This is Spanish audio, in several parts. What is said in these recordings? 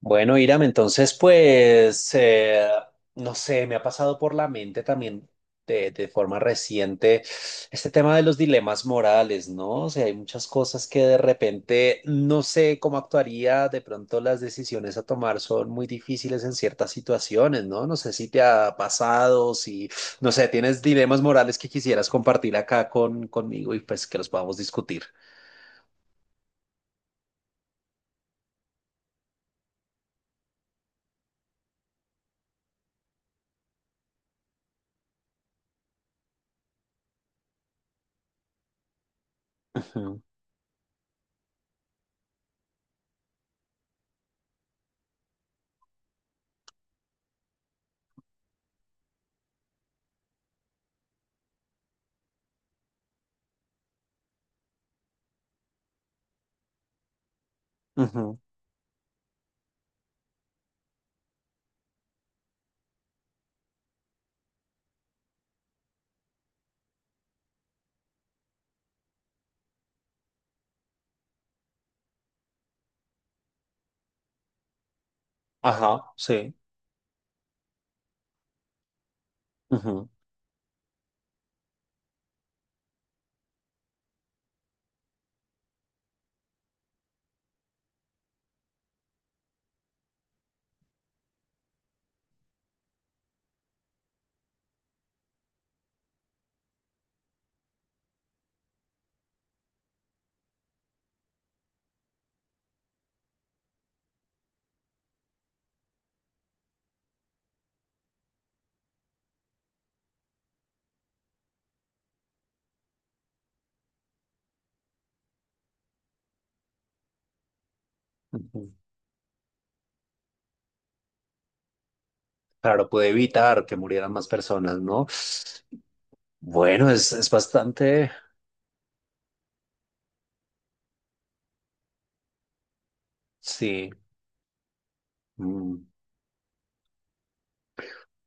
Bueno, Iram, entonces pues, no sé, me ha pasado por la mente también de forma reciente este tema de los dilemas morales, ¿no? O sea, hay muchas cosas que de repente no sé cómo actuaría, de pronto las decisiones a tomar son muy difíciles en ciertas situaciones, ¿no? No sé si te ha pasado, si, no sé, tienes dilemas morales que quisieras compartir acá conmigo y pues que los podamos discutir. Ujú, ujú. Ajá, sí. Ujú, ujú. Claro, pude evitar que murieran más personas, ¿no? Bueno, es bastante, sí. Mm.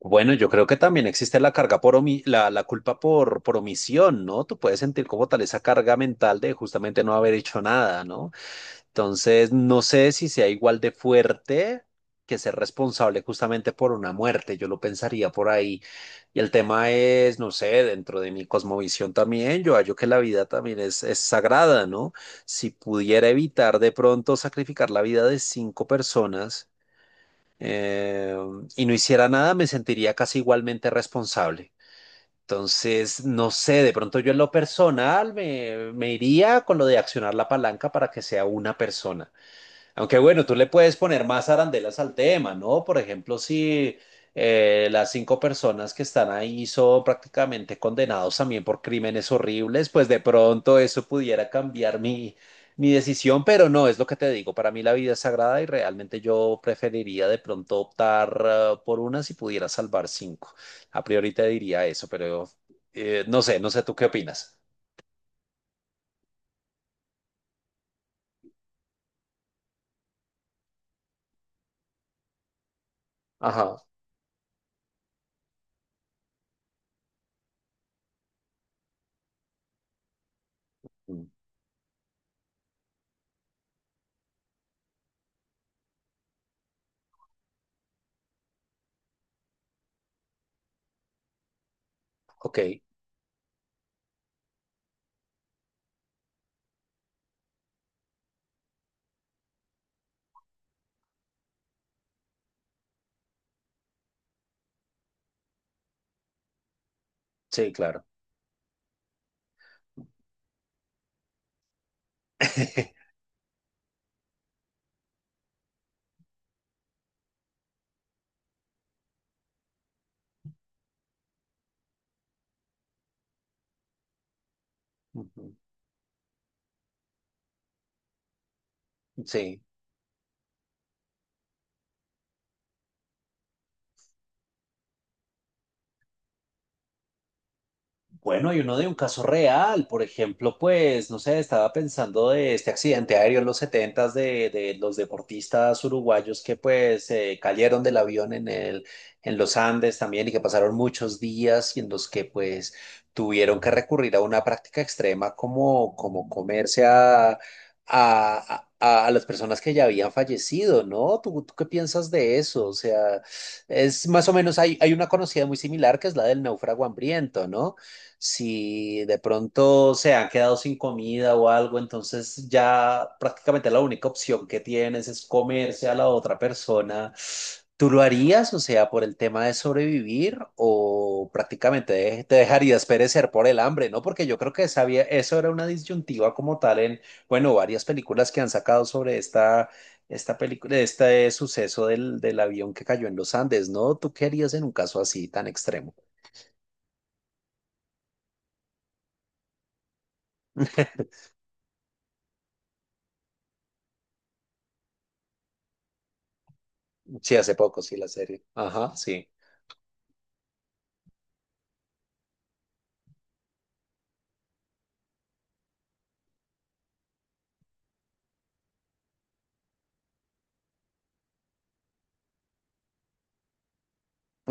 Bueno, yo creo que también existe la carga la culpa por omisión, ¿no? Tú puedes sentir como tal esa carga mental de justamente no haber hecho nada, ¿no? Entonces, no sé si sea igual de fuerte que ser responsable justamente por una muerte, yo lo pensaría por ahí. Y el tema es, no sé, dentro de mi cosmovisión también, yo hallo que la vida también es sagrada, ¿no? Si pudiera evitar de pronto sacrificar la vida de cinco personas eh, y no hiciera nada, me sentiría casi igualmente responsable. Entonces, no sé, de pronto yo en lo personal me iría con lo de accionar la palanca para que sea una persona. Aunque bueno, tú le puedes poner más arandelas al tema, ¿no? Por ejemplo, si las cinco personas que están ahí son prácticamente condenados también por crímenes horribles, pues de pronto eso pudiera cambiar mi decisión, pero no, es lo que te digo, para mí la vida es sagrada y realmente yo preferiría de pronto optar por una si pudiera salvar cinco. A priori te diría eso, pero no sé, no sé tú qué opinas. Ajá, mm, ok, sí, claro. Ujú, sí. Bueno, hay uno de un caso real, por ejemplo, pues, no sé, estaba pensando de este accidente aéreo en los setentas de los deportistas uruguayos que pues cayeron del avión en el, en los Andes también y que pasaron muchos días y en los que pues tuvieron que recurrir a una práctica extrema como, como comerse a las personas que ya habían fallecido, ¿no? Tú qué piensas de eso? O sea, es más o menos, hay una conocida muy similar que es la del náufrago hambriento, ¿no? Si de pronto se han quedado sin comida o algo, entonces ya prácticamente la única opción que tienes es comerse a la otra persona. ¿Tú lo harías, o sea, por el tema de sobrevivir o prácticamente te dejarías perecer por el hambre, ¿no? Porque yo creo que eso era una disyuntiva como tal en, bueno, varias películas que han sacado sobre esta película, este suceso del avión que cayó en los Andes, ¿no? ¿Tú qué harías en un caso así tan extremo? Sí, hace poco, sí, la serie. Ajá, sí.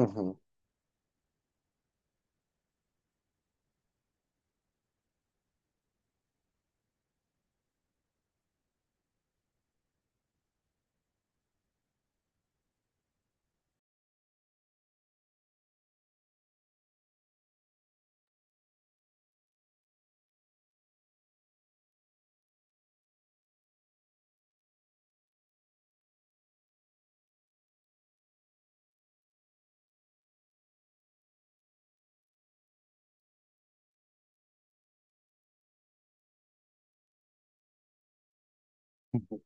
Ujú, ujú.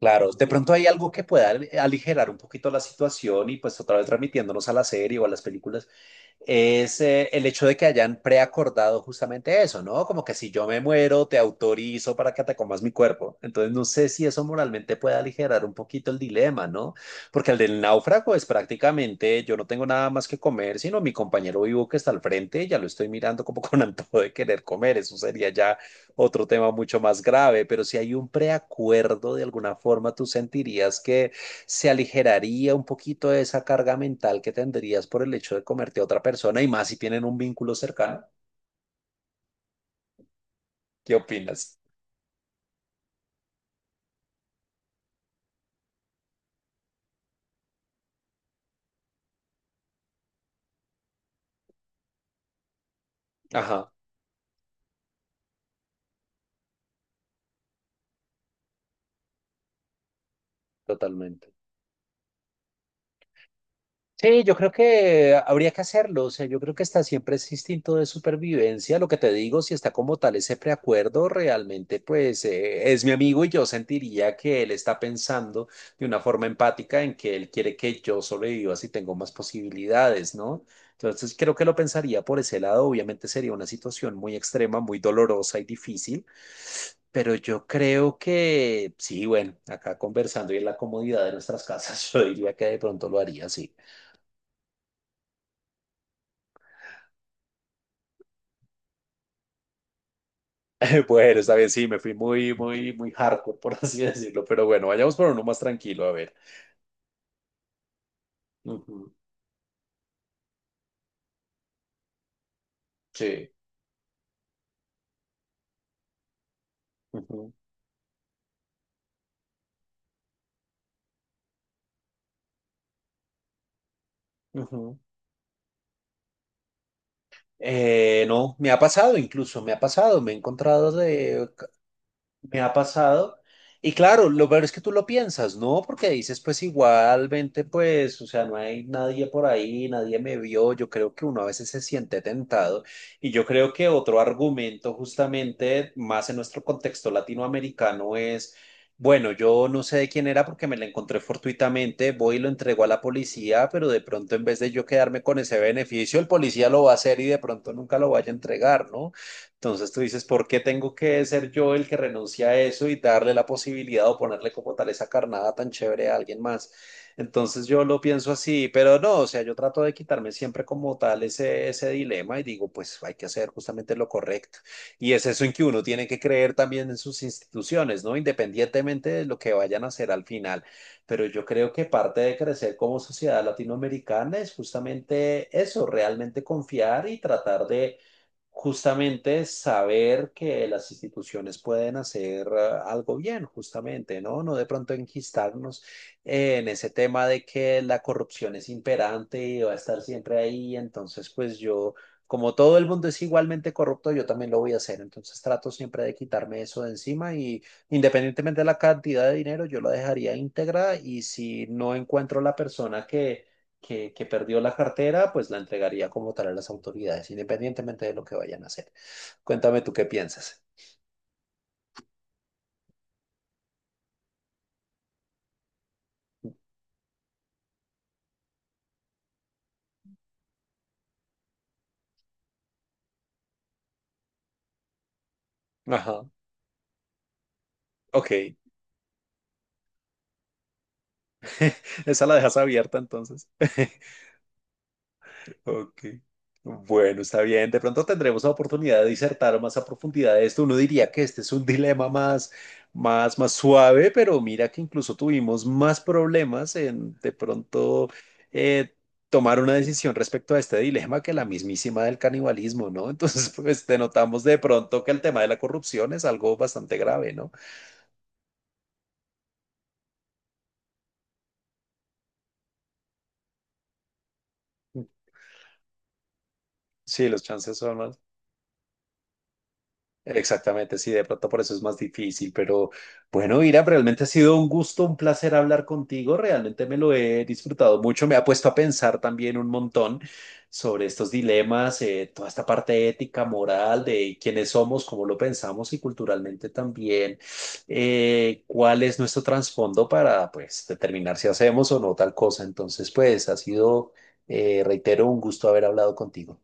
Claro, de pronto hay algo que aligerar un poquito la situación y pues otra vez transmitiéndonos a la serie o a las películas, es el hecho de que hayan preacordado justamente eso, ¿no? Como que si yo me muero, te autorizo para que te comas mi cuerpo. Entonces, no sé si eso moralmente puede aligerar un poquito el dilema, ¿no? Porque el del náufrago es prácticamente yo no tengo nada más que comer, sino mi compañero vivo que está al frente, ya lo estoy mirando como con antojo de querer comer. Eso sería ya otro tema mucho más grave, pero si hay un preacuerdo, de alguna forma tú sentirías que se aligeraría un poquito de esa carga mental que tendrías por el hecho de comerte a otra persona y más si tienen un vínculo cercano. ¿Qué opinas? Ajá, totalmente. Sí, yo creo que habría que hacerlo. O sea, yo creo que está siempre ese instinto de supervivencia. Lo que te digo, si está como tal ese preacuerdo, realmente pues es mi amigo y yo sentiría que él está pensando de una forma empática en que él quiere que yo sobreviva si tengo más posibilidades, ¿no? Entonces creo que lo pensaría por ese lado. Obviamente sería una situación muy extrema, muy dolorosa y difícil, pero yo creo que sí, bueno, acá conversando y en la comodidad de nuestras casas, yo diría que de pronto lo haría, sí. Bueno, está bien, sí, me fui muy, muy, muy hardcore, por así decirlo, pero bueno, vayamos por uno más tranquilo, a ver. Ujú, sí. Ujú, ujú. No, me ha pasado incluso, me ha pasado, me he encontrado de. Me ha pasado. Y claro, lo peor es que tú lo piensas, ¿no? Porque dices, pues igualmente, pues, o sea, no hay nadie por ahí, nadie me vio. Yo creo que uno a veces se siente tentado. Y yo creo que otro argumento, justamente, más en nuestro contexto latinoamericano, es, bueno, yo no sé de quién era porque me la encontré fortuitamente, voy y lo entrego a la policía, pero de pronto en vez de yo quedarme con ese beneficio, el policía lo va a hacer y de pronto nunca lo vaya a entregar, ¿no? Entonces tú dices, ¿por qué tengo que ser yo el que renuncia a eso y darle la posibilidad o ponerle como tal esa carnada tan chévere a alguien más? Entonces yo lo pienso así, pero no, o sea, yo trato de quitarme siempre como tal ese dilema y digo, pues hay que hacer justamente lo correcto. Y es eso en que uno tiene que creer también en sus instituciones, ¿no? Independientemente de lo que vayan a hacer al final. Pero yo creo que parte de crecer como sociedad latinoamericana es justamente eso, realmente confiar y tratar de justamente saber que las instituciones pueden hacer ah, algo bien, justamente, ¿no? No de pronto enquistarnos en ese tema de que la corrupción es imperante y va a estar siempre ahí, entonces pues yo, como todo el mundo es igualmente corrupto, yo también lo voy a hacer, entonces trato siempre de quitarme eso de encima y independientemente de la cantidad de dinero, yo la dejaría íntegra y si no encuentro la persona que perdió la cartera, pues la entregaría como tal a las autoridades, independientemente de lo que vayan a hacer. Cuéntame tú qué piensas. Ajá. Ok. Esa la dejas abierta entonces. Ok. Bueno, está bien. De pronto tendremos la oportunidad de disertar más a profundidad de esto. Uno diría que este es un dilema más, más suave, pero mira que incluso tuvimos más problemas en de pronto eh, tomar una decisión respecto a este dilema que la mismísima del canibalismo, ¿no? Entonces, pues te notamos de pronto que el tema de la corrupción es algo bastante grave, ¿no? Sí, los chances son más. Exactamente, sí, de pronto por eso es más difícil, pero bueno, Ira, realmente ha sido un gusto, un placer hablar contigo, realmente me lo he disfrutado mucho, me ha puesto a pensar también un montón sobre estos dilemas, toda esta parte ética, moral, de quiénes somos, cómo lo pensamos y culturalmente también, cuál es nuestro trasfondo para pues determinar si hacemos o no tal cosa. Entonces, pues ha sido, reitero, un gusto haber hablado contigo.